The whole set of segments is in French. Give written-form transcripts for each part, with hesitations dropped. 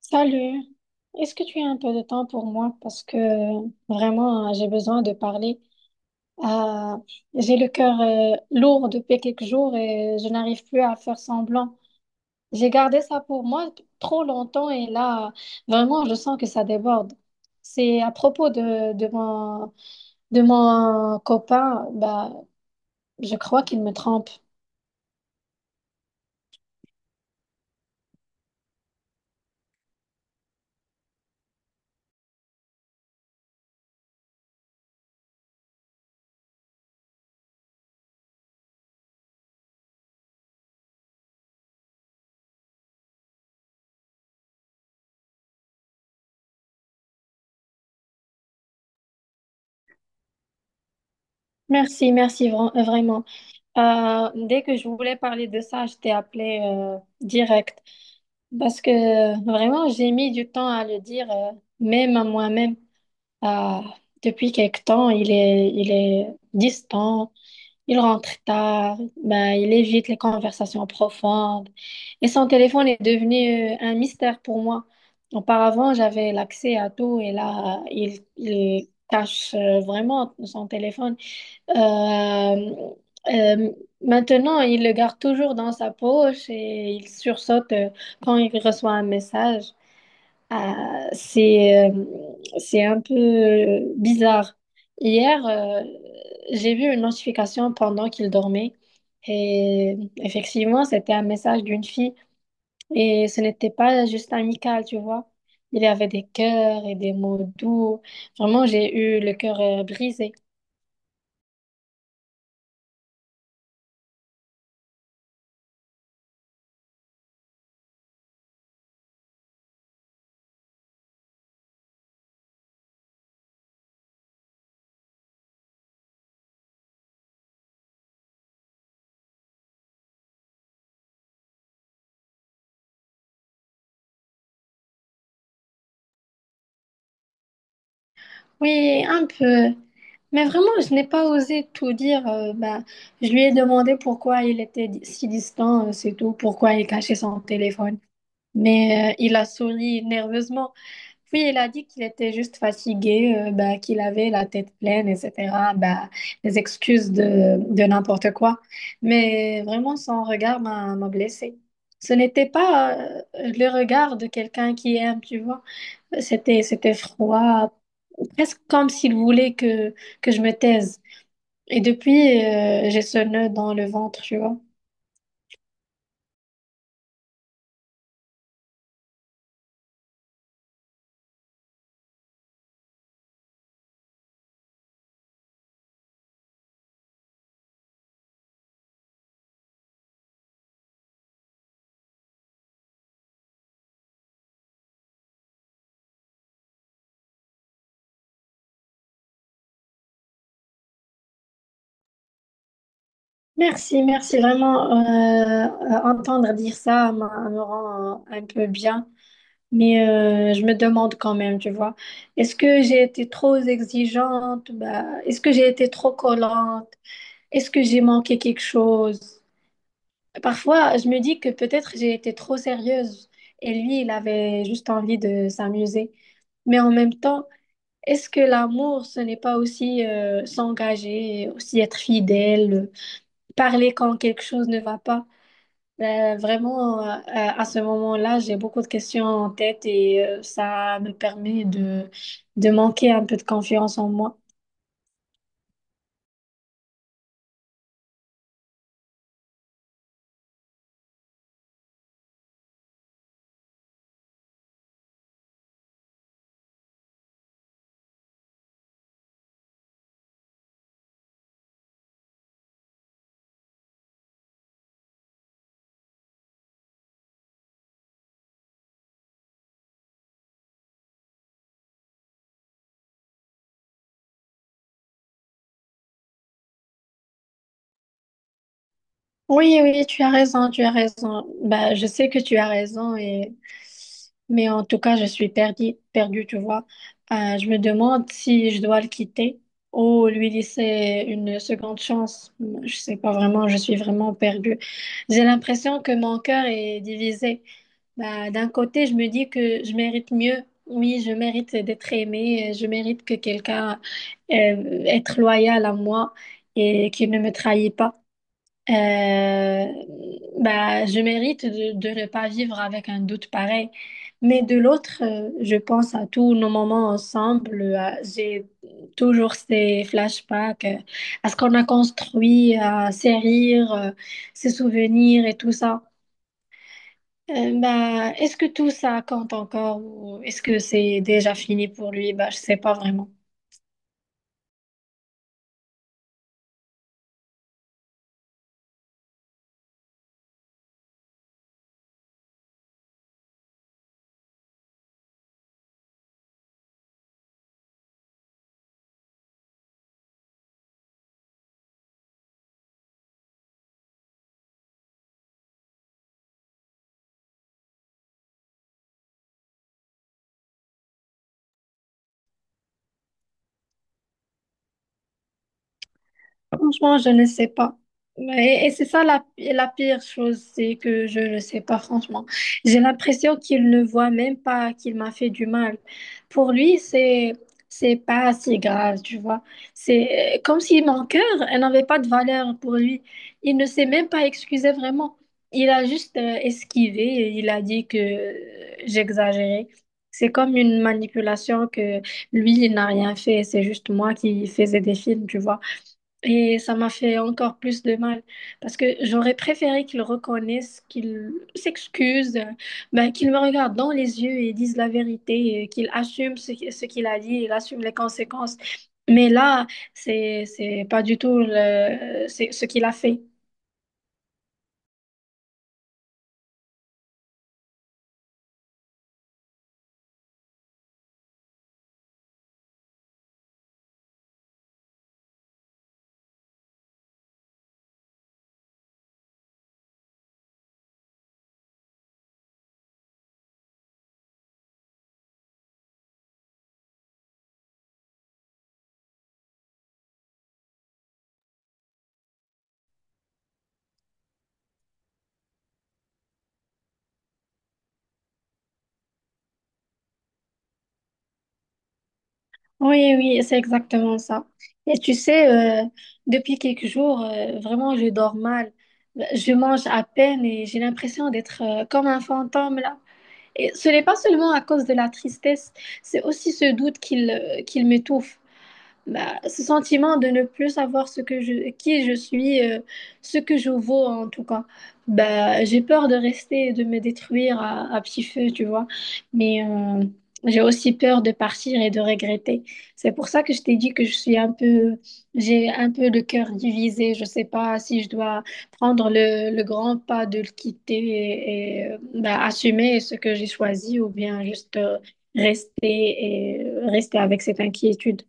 Salut, est-ce que tu as un peu de temps pour moi? Parce que vraiment, j'ai besoin de parler. Euh, j'ai le cœur lourd depuis quelques jours et je n'arrive plus à faire semblant. J'ai gardé ça pour moi trop longtemps et là, vraiment, je sens que ça déborde. C'est à propos de de mon copain, bah, je crois qu'il me trompe. Merci, vraiment. Dès que je voulais parler de ça, je t'ai appelé direct. Parce que vraiment, j'ai mis du temps à le dire, même à moi-même. Ah, depuis quelque temps, il est distant, il rentre tard, ben, il évite les conversations profondes. Et son téléphone est devenu un mystère pour moi. Auparavant, j'avais l'accès à tout et là, il cache vraiment son téléphone. Euh, euh, Maintenant, il le garde toujours dans sa poche et il sursaute quand il reçoit un message. Ah, c'est un peu bizarre. Hier, j'ai vu une notification pendant qu'il dormait et effectivement, c'était un message d'une fille et ce n'était pas juste amical, tu vois. Il y avait des cœurs et des mots doux. Vraiment, j'ai eu le cœur brisé. Oui, un peu. Mais vraiment, je n'ai pas osé tout dire. Bah, je lui ai demandé pourquoi il était si distant, c'est tout, pourquoi il cachait son téléphone. Mais il a souri nerveusement. Puis il a dit qu'il était juste fatigué, bah, qu'il avait la tête pleine, etc. Bah, des excuses de n'importe quoi. Mais vraiment, son regard m'a blessée. Ce n'était pas le regard de quelqu'un qui aime, tu vois. C'était froid, presque comme s'il voulait que je me taise. Et depuis, j'ai ce nœud dans le ventre, tu vois. Merci, merci. Vraiment, entendre dire ça m'a- me rend un peu bien. Mais je me demande quand même, tu vois, est-ce que j'ai été trop exigeante? Bah, est-ce que j'ai été trop collante? Est-ce que j'ai manqué quelque chose? Parfois, je me dis que peut-être j'ai été trop sérieuse et lui, il avait juste envie de s'amuser. Mais en même temps, est-ce que l'amour, ce n'est pas aussi s'engager, aussi être fidèle, parler quand quelque chose ne va pas? Vraiment, à ce moment-là, j'ai beaucoup de questions en tête et ça me permet de manquer un peu de confiance en moi. Oui, oui, tu as raison, tu as raison. Bah, je sais que tu as raison et mais en tout cas, je suis perdue, perdue, tu vois. Je me demande si je dois le quitter ou lui laisser une seconde chance. Je sais pas vraiment, je suis vraiment perdue. J'ai l'impression que mon cœur est divisé. Bah, d'un côté, je me dis que je mérite mieux. Oui, je mérite d'être aimée, je mérite que quelqu'un être loyal à moi et qu'il ne me trahit pas. Euh, Bah, je mérite de ne pas vivre avec un doute pareil. Mais de l'autre, je pense à tous nos moments ensemble. J'ai toujours ces flashbacks, à ce qu'on a construit, à ces rires, ces souvenirs et tout ça. Bah, est-ce que tout ça compte encore ou est-ce que c'est déjà fini pour lui? Bah, je sais pas vraiment. Franchement, je ne sais pas. C'est ça la pire chose, c'est que je ne sais pas, franchement. J'ai l'impression qu'il ne voit même pas qu'il m'a fait du mal. Pour lui, c'est pas si grave, tu vois. C'est comme si mon cœur, elle n'avait pas de valeur pour lui. Il ne s'est même pas excusé vraiment. Il a juste esquivé et il a dit que j'exagérais. C'est comme une manipulation que lui, il n'a rien fait. C'est juste moi qui faisais des films, tu vois. Et ça m'a fait encore plus de mal parce que j'aurais préféré qu'il reconnaisse, qu'il s'excuse, ben, qu'il me regarde dans les yeux et dise la vérité, et qu'il assume ce qu'il a dit, il assume les conséquences. Mais là, c'est pas du tout le, c'est ce qu'il a fait. Oui, oui, c'est exactement ça. Et tu sais, depuis quelques jours, vraiment, je dors mal. Je mange à peine et j'ai l'impression d'être, comme un fantôme là. Et ce n'est pas seulement à cause de la tristesse, c'est aussi ce doute qu'il m'étouffe, bah, ce sentiment de ne plus savoir ce que qui je suis, ce que je vaux en tout cas. Bah, j'ai peur de rester et de me détruire à petit feu, tu vois. Mais j'ai aussi peur de partir et de regretter. C'est pour ça que je t'ai dit que je suis un peu, j'ai un peu le cœur divisé. Je sais pas si je dois prendre le grand pas de le quitter bah, assumer ce que j'ai choisi ou bien juste rester et rester avec cette inquiétude.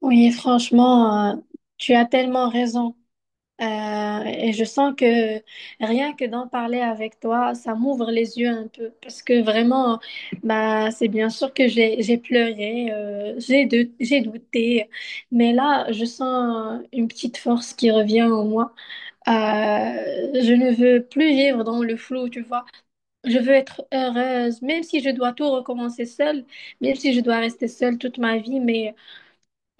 Oui, franchement, tu as tellement raison. Et je sens que rien que d'en parler avec toi, ça m'ouvre les yeux un peu. Parce que vraiment, bah, c'est bien sûr que j'ai pleuré, j'ai douté. Mais là, je sens une petite force qui revient en moi. Je ne veux plus vivre dans le flou, tu vois. Je veux être heureuse, même si je dois tout recommencer seule, même si je dois rester seule toute ma vie. Mais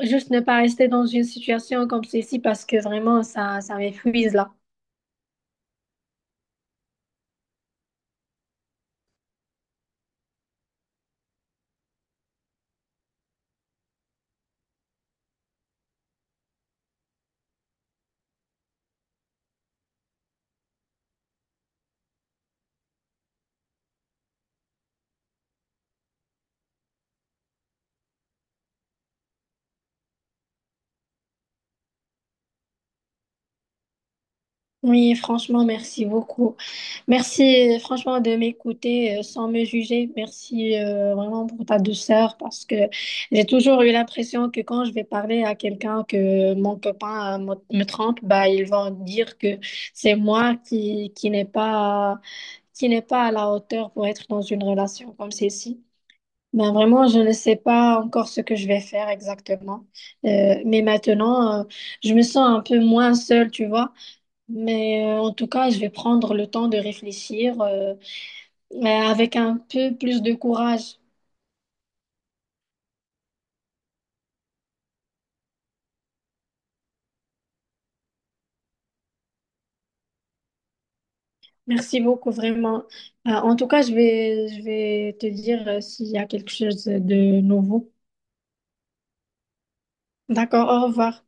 juste ne pas rester dans une situation comme celle-ci parce que vraiment, ça m'épuise là. Oui, franchement, merci beaucoup. Merci franchement de m'écouter sans me juger. Merci vraiment pour ta douceur parce que j'ai toujours eu l'impression que quand je vais parler à quelqu'un que mon copain me trompe, bah, ils vont dire que c'est moi qui n'est pas à la hauteur pour être dans une relation comme celle-ci. Ben vraiment, je ne sais pas encore ce que je vais faire exactement. Mais maintenant, je me sens un peu moins seule, tu vois. Mais en tout cas, je vais prendre le temps de réfléchir mais avec un peu plus de courage. Merci beaucoup, vraiment. En tout cas, je vais te dire s'il y a quelque chose de nouveau. D'accord, au revoir.